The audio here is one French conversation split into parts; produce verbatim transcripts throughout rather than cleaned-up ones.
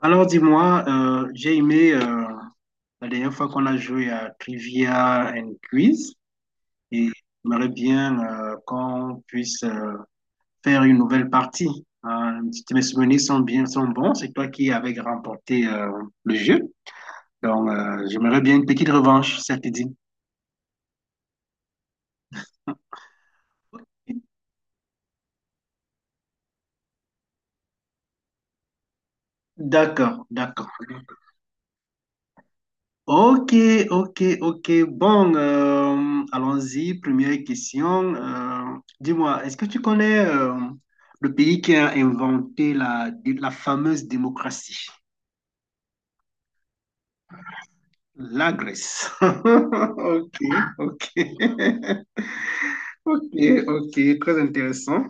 Alors dis-moi, euh, j'ai aimé euh, la dernière fois qu'on a joué à Trivia and Quiz et j'aimerais bien euh, qu'on puisse euh, faire une nouvelle partie. Hein, si mes souvenirs sont bien, sont bons, c'est toi qui avais remporté euh, le jeu. Donc euh, j'aimerais bien une petite revanche, ça te dit? D'accord, d'accord. Ok, ok, ok. Bon, euh, allons-y. Première question. Euh, dis-moi, est-ce que tu connais euh, le pays qui a inventé la, la fameuse démocratie? La Grèce. Ok, ok. Ok, ok. Très intéressant.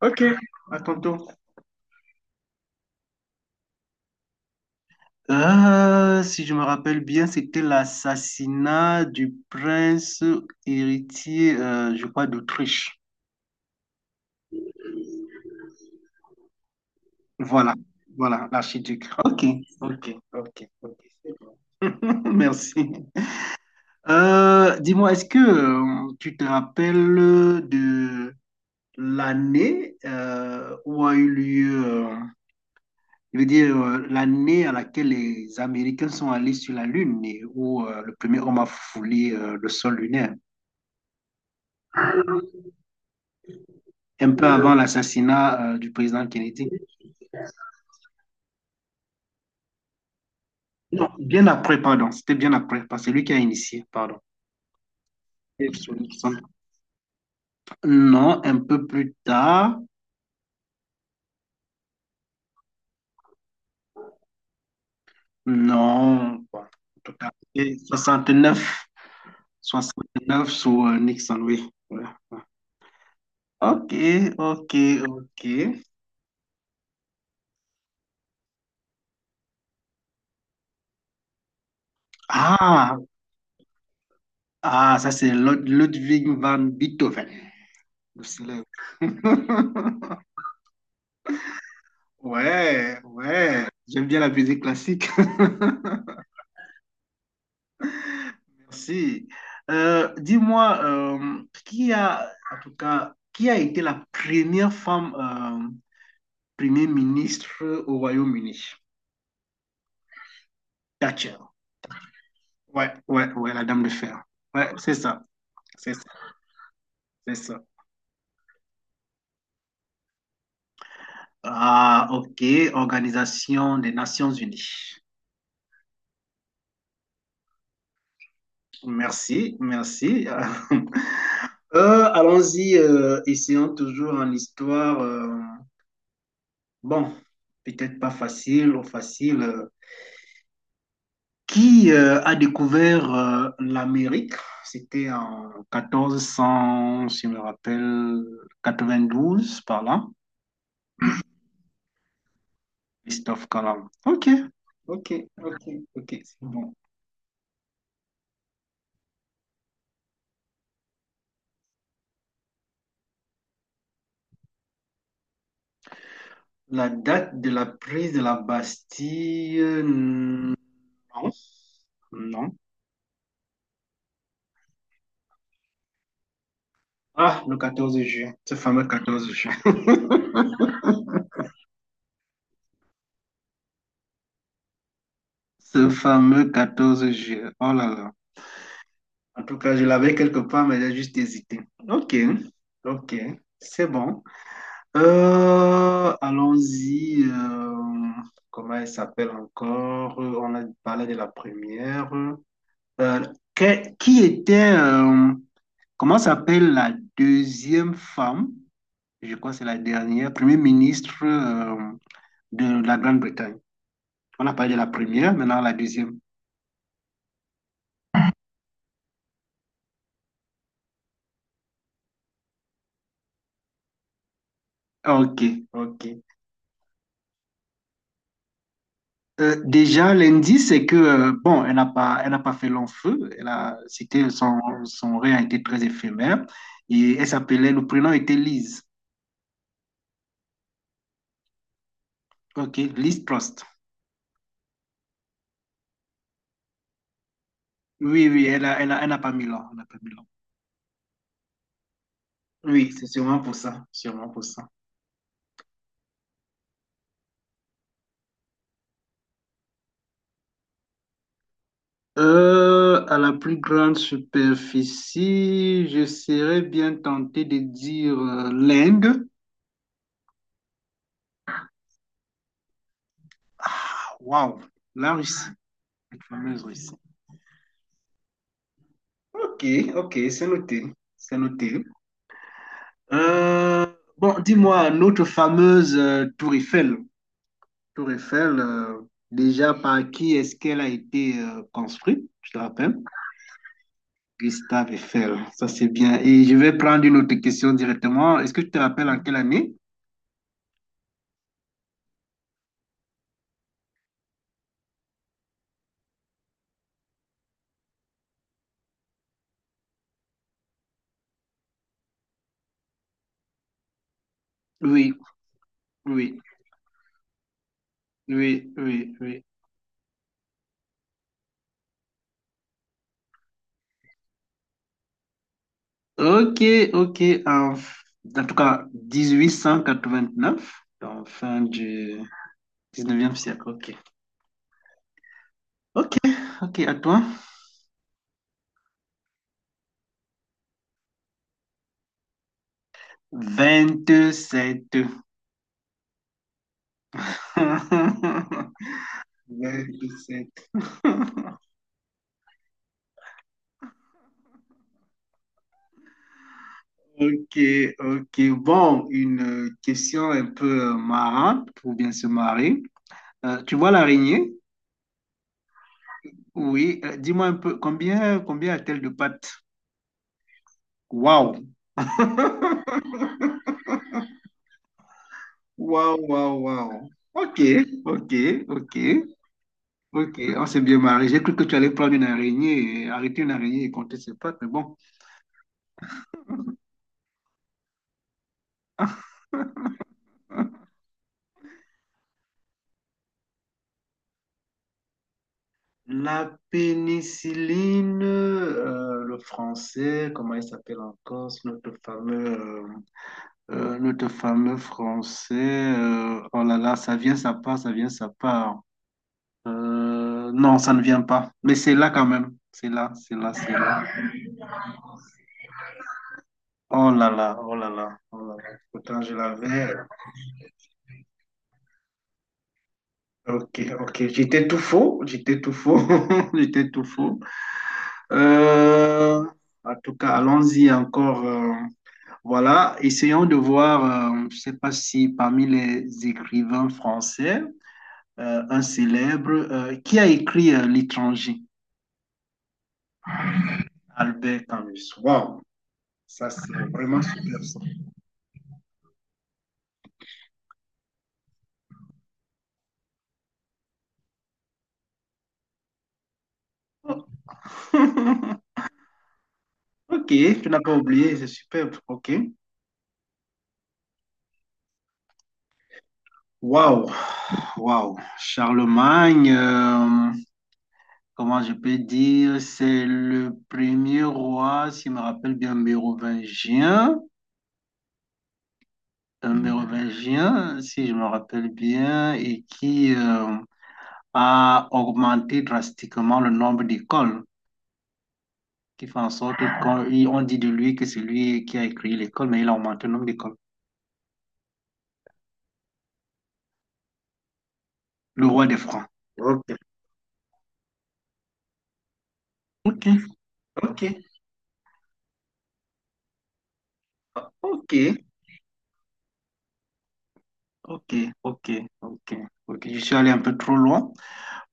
Ok, à ton tour. Euh, si je me rappelle bien, c'était l'assassinat du prince héritier, euh, je crois, d'Autriche. Voilà, voilà, l'archiduc. Ok, ok, ok, ok, c'est bon. Merci. Euh, dis-moi, est-ce que euh, tu te rappelles de l'année euh, où a eu lieu, euh, je veux dire, euh, l'année à laquelle les Américains sont allés sur la Lune et où euh, le premier homme a foulé euh, le sol lunaire, un peu avant Euh, l'assassinat euh, du président Kennedy? Non, bien après, pardon, c'était bien après, parce que c'est lui qui a initié, pardon. Non, un peu plus tard. Non, bon, en tout cas, c'est soixante neuf, sous euh, Nixon, oui. Voilà. Ok, ok, ok. Ah, ah, ça c'est Lud- Ludwig van Beethoven. Le célèbre. Ouais, ouais. J'aime bien la musique classique. Merci. Euh, dis-moi, euh, qui a, en tout cas, qui a été la première femme euh, premier ministre au Royaume-Uni. Thatcher. Ouais, ouais, ouais, la dame de fer. Ouais, c'est ça. C'est ça. C'est ça. Ah, ok. Organisation des Nations Unies. Merci, merci. Euh, allons-y, euh, essayons toujours en histoire. Euh, bon, peut-être pas facile ou facile. euh. Qui euh, a découvert euh, l'Amérique? C'était en quatorze cent, si je me rappelle, quatre-vingt-douze par là. Christophe Colomb. Ok, ok, ok, ok, c'est bon. La date de la prise de la Bastille, euh, non, non. Ah, le quatorze juin, ce fameux quatorze juin. Ce fameux quatorze juin. Oh là là. En tout cas, je l'avais quelque part, mais j'ai juste hésité. Ok, ok, c'est bon. Euh, allons-y. Euh, comment elle s'appelle encore? Euh, On a parlé de la première. Euh, que- qui était, euh, comment s'appelle la deuxième femme, je crois que c'est la dernière, Premier ministre euh, de la Grande-Bretagne. On a parlé de la première, maintenant la deuxième. Ok, ok. Euh, déjà, l'indice, c'est que, euh, bon, elle n'a pas, elle n'a pas fait long feu. Elle a, c'était, son, son règne a été très éphémère. Et elle s'appelait, le prénom était Liz. Ok, Liz Trust. Oui, oui, elle a, elle a, elle n'a pas mis long. Elle n'a pas mis long. Oui, c'est sûrement pour ça. Sûrement pour ça. Euh, à la plus grande superficie, je serais bien tenté de dire euh, l'Inde. Ah, waouh, la Russie, la fameuse Russie. Ok, ok, c'est noté, c'est noté. Euh, bon, dis-moi, notre fameuse euh, Tour Eiffel. Tour Eiffel, euh, déjà par qui est-ce qu'elle a été euh, construite, je te rappelle? Gustave Eiffel, ça c'est bien. Et je vais prendre une autre question directement. Est-ce que tu te rappelles en quelle année? Oui, oui. Oui, oui, oui. Ok, ok. En, f- en tout cas, dix-huit cent quatre-vingt-neuf, donc fin du dix-neuvième siècle. Ok. Ok, ok, à toi. Vingt-sept. Vingt-sept. Ok, ok. Bon, une euh, question un peu euh, marrante pour bien se marrer. Euh, tu vois l'araignée? Oui. Euh, dis-moi un peu, combien, combien a-t-elle de pattes? Waouh! Waouh, waouh, waouh. Ok, ok, ok, ok. On s'est bien marié. J'ai cru que tu allais prendre une araignée, et arrêter une araignée et compter ses pattes, mais bon. Hein? La pénicilline, euh, le français, comment il s'appelle encore, c'est notre fameux, euh, euh, notre fameux français. Euh, oh là là, ça vient, ça part, ça vient, ça part. Euh, non, ça ne vient pas. Mais c'est là quand même. C'est là, c'est là, c'est là. Oh là là, oh là là, oh là là. Pourtant, je l'avais. Ok, ok. J'étais tout faux. J'étais tout faux. J'étais tout faux. Euh, En tout cas, allons-y encore. Euh, voilà. Essayons de voir, euh, je ne sais pas si parmi les écrivains français, euh, un célèbre, euh, qui a écrit euh, L'étranger? Albert Camus. Waouh, ça c'est vraiment super ça. Ok, tu n'as pas oublié, c'est superbe. Ok. Waouh, waouh. Charlemagne. Euh, comment je peux dire, c'est le premier roi, si je me rappelle bien, mérovingien, un mérovingien, si je me rappelle bien, et qui euh, a augmenté drastiquement le nombre d'écoles, qui fait en sorte qu'on il- on dit de lui que c'est lui qui a écrit l'école, mais il a augmenté le nombre d'écoles. Le roi des Francs. Ok, ok, ok, ok, ok, ok, ok, ok. Je suis allé un peu trop loin.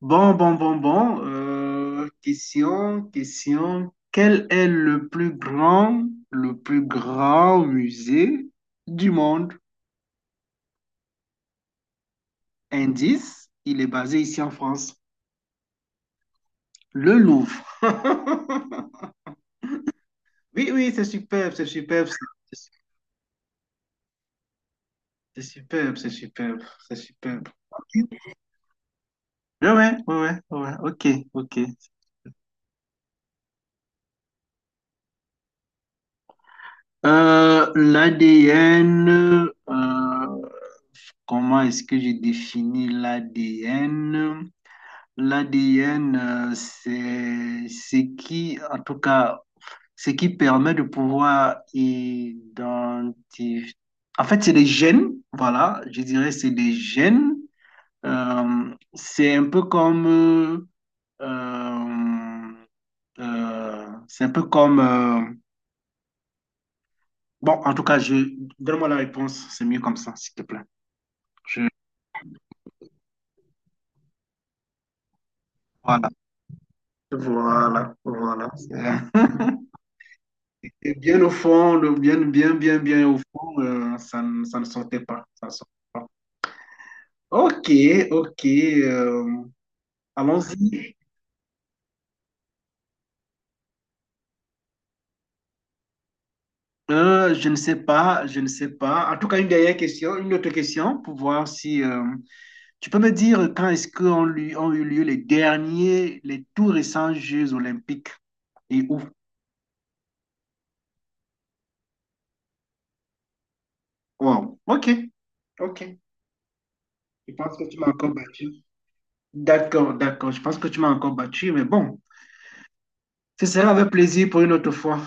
Bon, bon, bon, bon. Euh, question, question. Quel est le plus grand, le plus grand musée du monde? Indice, il est basé ici en France, le Louvre. Oui, oui, c'est superbe, c'est superbe, c'est c'est superbe, c'est superbe, c'est superbe. Ouais, ouais, ouais, ouais, ouais, ok, ok. Euh, L'A D N, euh, comment est-ce que je définis l'A D N? L'A D N, euh, c'est ce qui, en tout cas, ce qui permet de pouvoir identifier. En fait, c'est des gènes, voilà, je dirais c'est des gènes. Euh, c'est un peu comme, euh, euh, euh, c'est un peu comme, euh, bon, en tout cas, je, donne-moi la réponse, c'est mieux comme ça, s'il te plaît. Je- voilà, voilà, voilà. C'est un. Et bien au fond, le- bien, bien, bien, bien au fond, euh, ça, ne ça ne sortait pas. Ça ne sortait pas. Ok, ok. Euh, allons-y. Euh, je ne sais pas, je ne sais pas. En tout cas, une dernière question, une autre question pour voir si euh, tu peux me dire quand est-ce qu'on lui, ont eu lieu les derniers, les tout récents Jeux olympiques et où? Wow. Ok, ok. Tu m'as encore battu. D'accord, d'accord. Je pense que tu m'as encore battu, mais bon, ce sera avec plaisir pour une autre fois.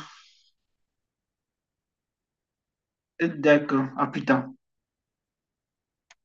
D'accord, à plus tard.